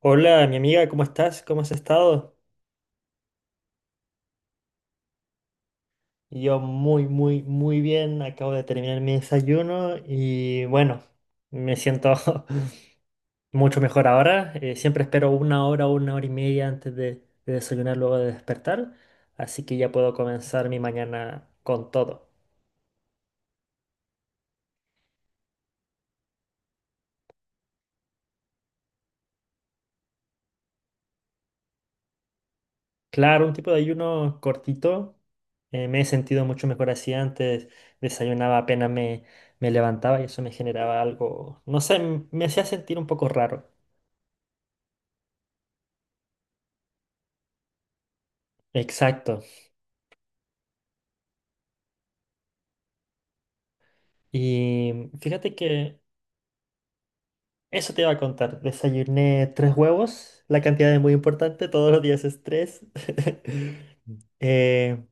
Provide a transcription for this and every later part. Hola, mi amiga, ¿cómo estás? ¿Cómo has estado? Yo muy, muy, muy bien. Acabo de terminar mi desayuno y bueno, me siento mucho mejor ahora. Siempre espero una hora o una hora y media de desayunar luego de despertar, así que ya puedo comenzar mi mañana con todo. Claro, un tipo de ayuno cortito. Me he sentido mucho mejor así antes. Desayunaba apenas me, Me levantaba y eso me generaba algo, no sé, me hacía sentir un poco raro. Exacto. Y fíjate que eso te iba a contar. Desayuné tres huevos, la cantidad es muy importante, todos los días es tres. Eh,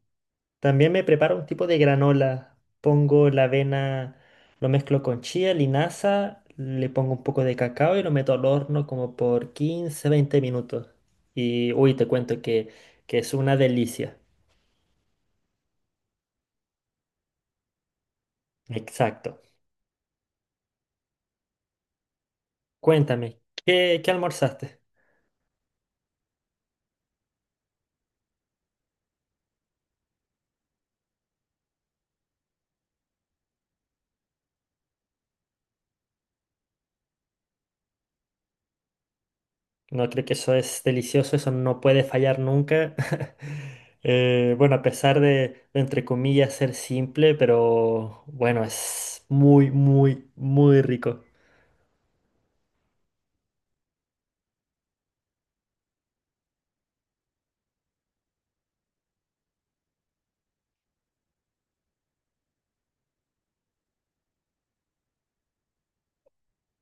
También me preparo un tipo de granola. Pongo la avena, lo mezclo con chía, linaza, le pongo un poco de cacao y lo meto al horno como por 15 20 minutos. Y uy, que es una delicia. Exacto. Cuéntame, qué almorzaste? No, creo que eso es delicioso, eso no puede fallar nunca. Bueno, de, entre comillas, ser simple, pero bueno, es muy, muy, muy rico.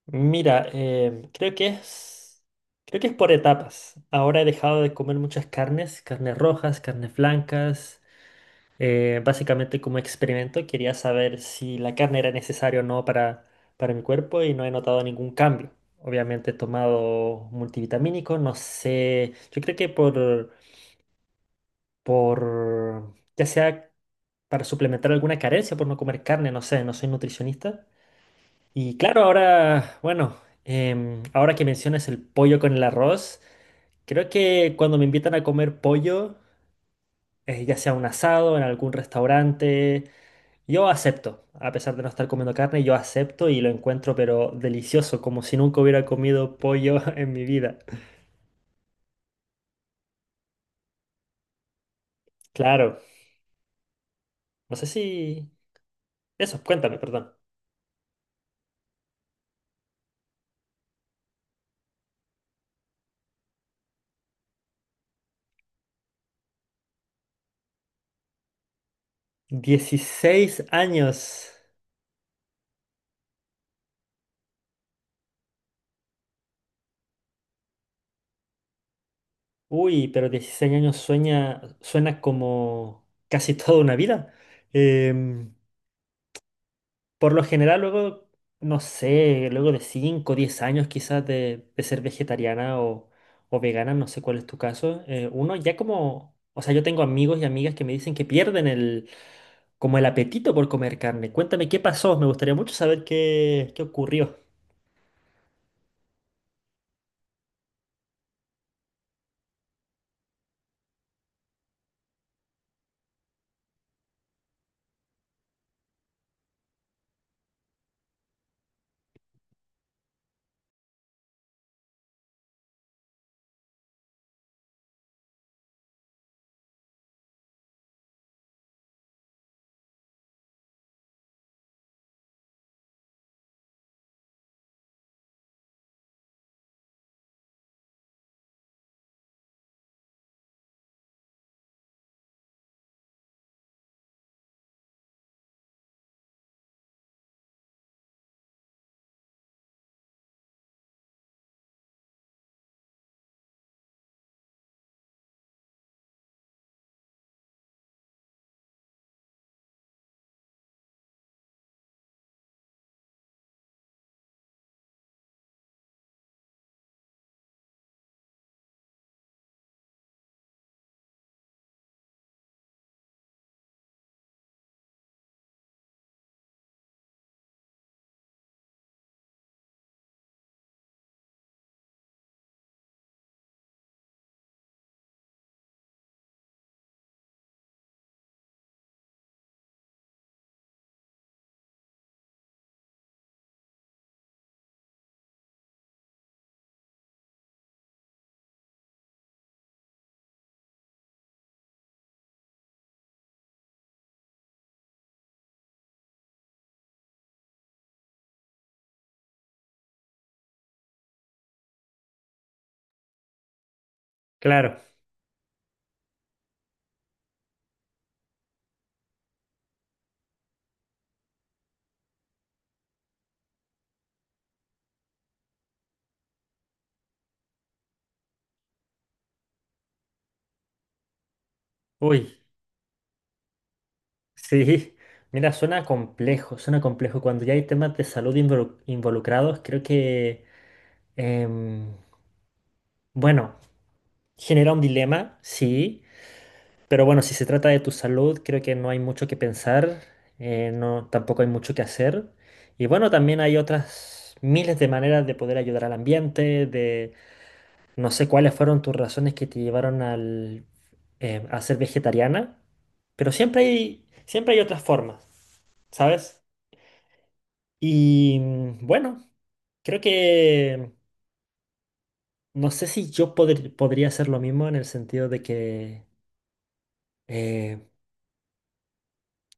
Mira, creo que es por etapas. Ahora he dejado de comer muchas carnes, carnes rojas, carnes blancas. Básicamente como experimento quería saber si la carne era necesaria o no para mi cuerpo y no he notado ningún cambio. Obviamente he tomado multivitamínicos, no sé, yo creo que ya sea para suplementar alguna carencia por no comer carne, no sé, no soy nutricionista. Y claro, ahora, bueno, ahora que mencionas el pollo con el arroz, creo que cuando me invitan a comer pollo, ya sea un asado, en algún restaurante, yo acepto, a pesar de no estar comiendo carne, yo acepto y lo encuentro pero delicioso, como si nunca hubiera comido pollo en mi vida. Claro, no sé si... Eso, cuéntame, perdón. Dieciséis años. Uy, pero dieciséis años sueña, suena como casi toda una vida. Em, Por lo general, luego, no sé, luego de 5, o 10 años quizás de ser vegetariana o vegana, no sé cuál es tu caso, uno ya como, o sea, yo tengo amigos y amigas que me dicen que pierden el, como el apetito por comer carne. Cuéntame qué pasó, me gustaría mucho saber qué ocurrió. Claro, uy, sí. Mira, suena complejo, suena complejo. Cuando ya hay temas de salud involu- involucrados, em, bueno, genera un dilema, sí. Pero bueno, si se trata de tu salud, creo que no hay mucho que pensar, no, tampoco hay mucho que hacer. Y bueno, también hay otras miles de maneras de poder ayudar al ambiente, de no sé cuáles fueron tus razones que te llevaron al, a ser vegetariana, pero siempre hay otras formas, ¿sabes? Y bueno, creo que no sé si yo podría hacer lo mismo en el sentido de que... eh,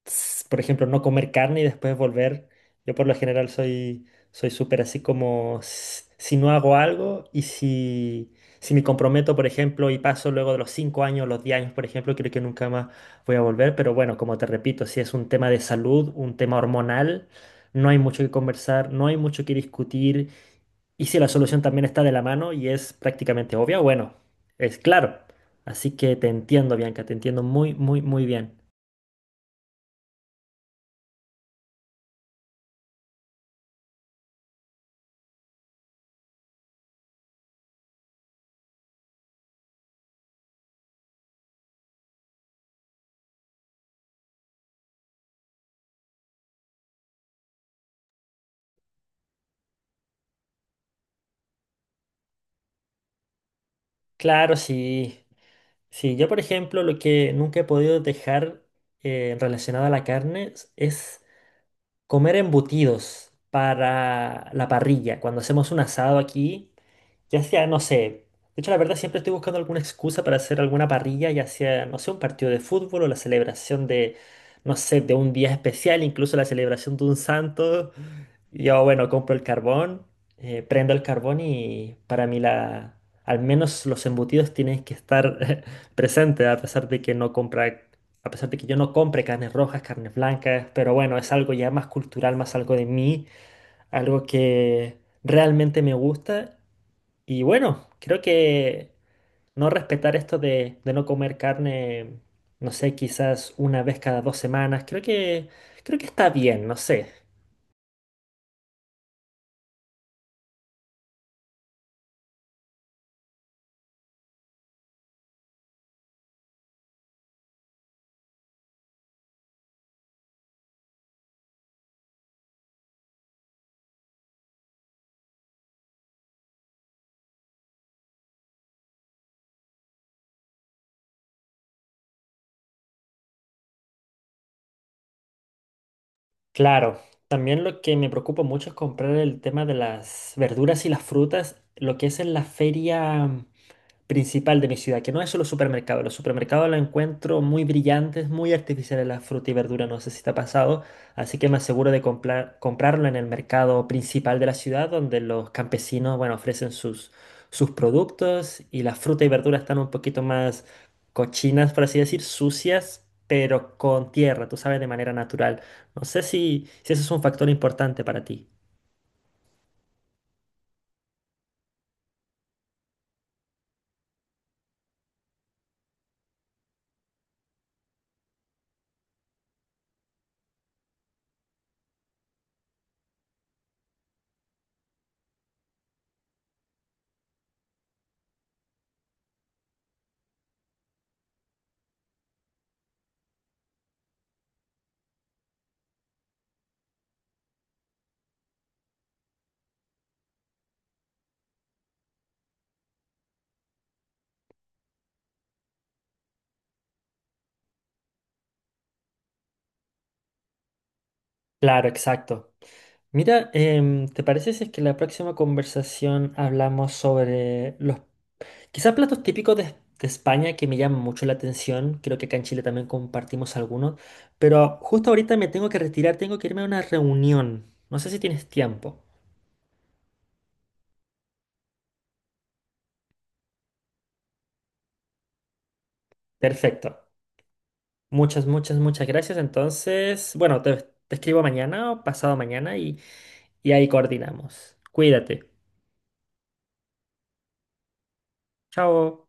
por ejemplo, no comer carne y después volver. Yo por lo general soy súper así como si no hago algo y si me comprometo, por ejemplo, y paso luego de los 5 años, los 10 años, por ejemplo, creo que nunca más voy a volver, pero bueno, como te repito, si es un tema de salud, un tema hormonal, no hay mucho que conversar, no hay mucho que discutir y si la solución también está de la mano y es prácticamente obvia, bueno, es claro. Así que te entiendo, Bianca, te entiendo muy, muy, muy bien. Claro, sí. Sí, yo por ejemplo lo que nunca he podido dejar relacionado a la carne es comer embutidos para la parrilla, cuando hacemos un asado aquí, ya sea, no sé, de hecho la verdad siempre estoy buscando alguna excusa para hacer alguna parrilla, ya sea, no sé, un partido de fútbol o la celebración de, no sé, de un día especial, incluso la celebración de un santo. Yo, bueno, compro el carbón, prendo el carbón y para mí al menos los embutidos tienen que estar presentes, a pesar de que no compra a pesar de que yo no compre carnes rojas, carnes blancas, pero bueno, es algo ya más cultural, más algo de mí, algo que realmente me gusta. Y bueno, creo que no respetar esto de no comer carne, no sé, quizás una vez cada dos semanas, creo que está bien, no sé. Claro, también lo que me preocupa mucho es comprar el tema de las verduras y las frutas, lo que es en la feria principal de mi ciudad, que no es solo supermercado. Los supermercados los encuentro muy brillantes, muy artificiales las frutas y verduras, no sé si te ha pasado, así que me aseguro de comprarlo en el mercado principal de la ciudad, donde los campesinos, bueno, ofrecen sus productos y las frutas y verduras están un poquito más cochinas, por así decir, sucias, pero con tierra, tú sabes, de manera natural. No sé si eso es un factor importante para ti. Claro, exacto. Mira, ¿te parece si es que la próxima conversación hablamos sobre los quizás platos típicos de España que me llaman mucho la atención? Creo que acá en Chile también compartimos algunos, pero justo ahorita me tengo que retirar, tengo que irme a una reunión. No sé si tienes tiempo. Perfecto. Muchas, muchas, muchas gracias. Entonces, bueno, te escribo mañana o pasado mañana y ahí coordinamos. Cuídate. Chao.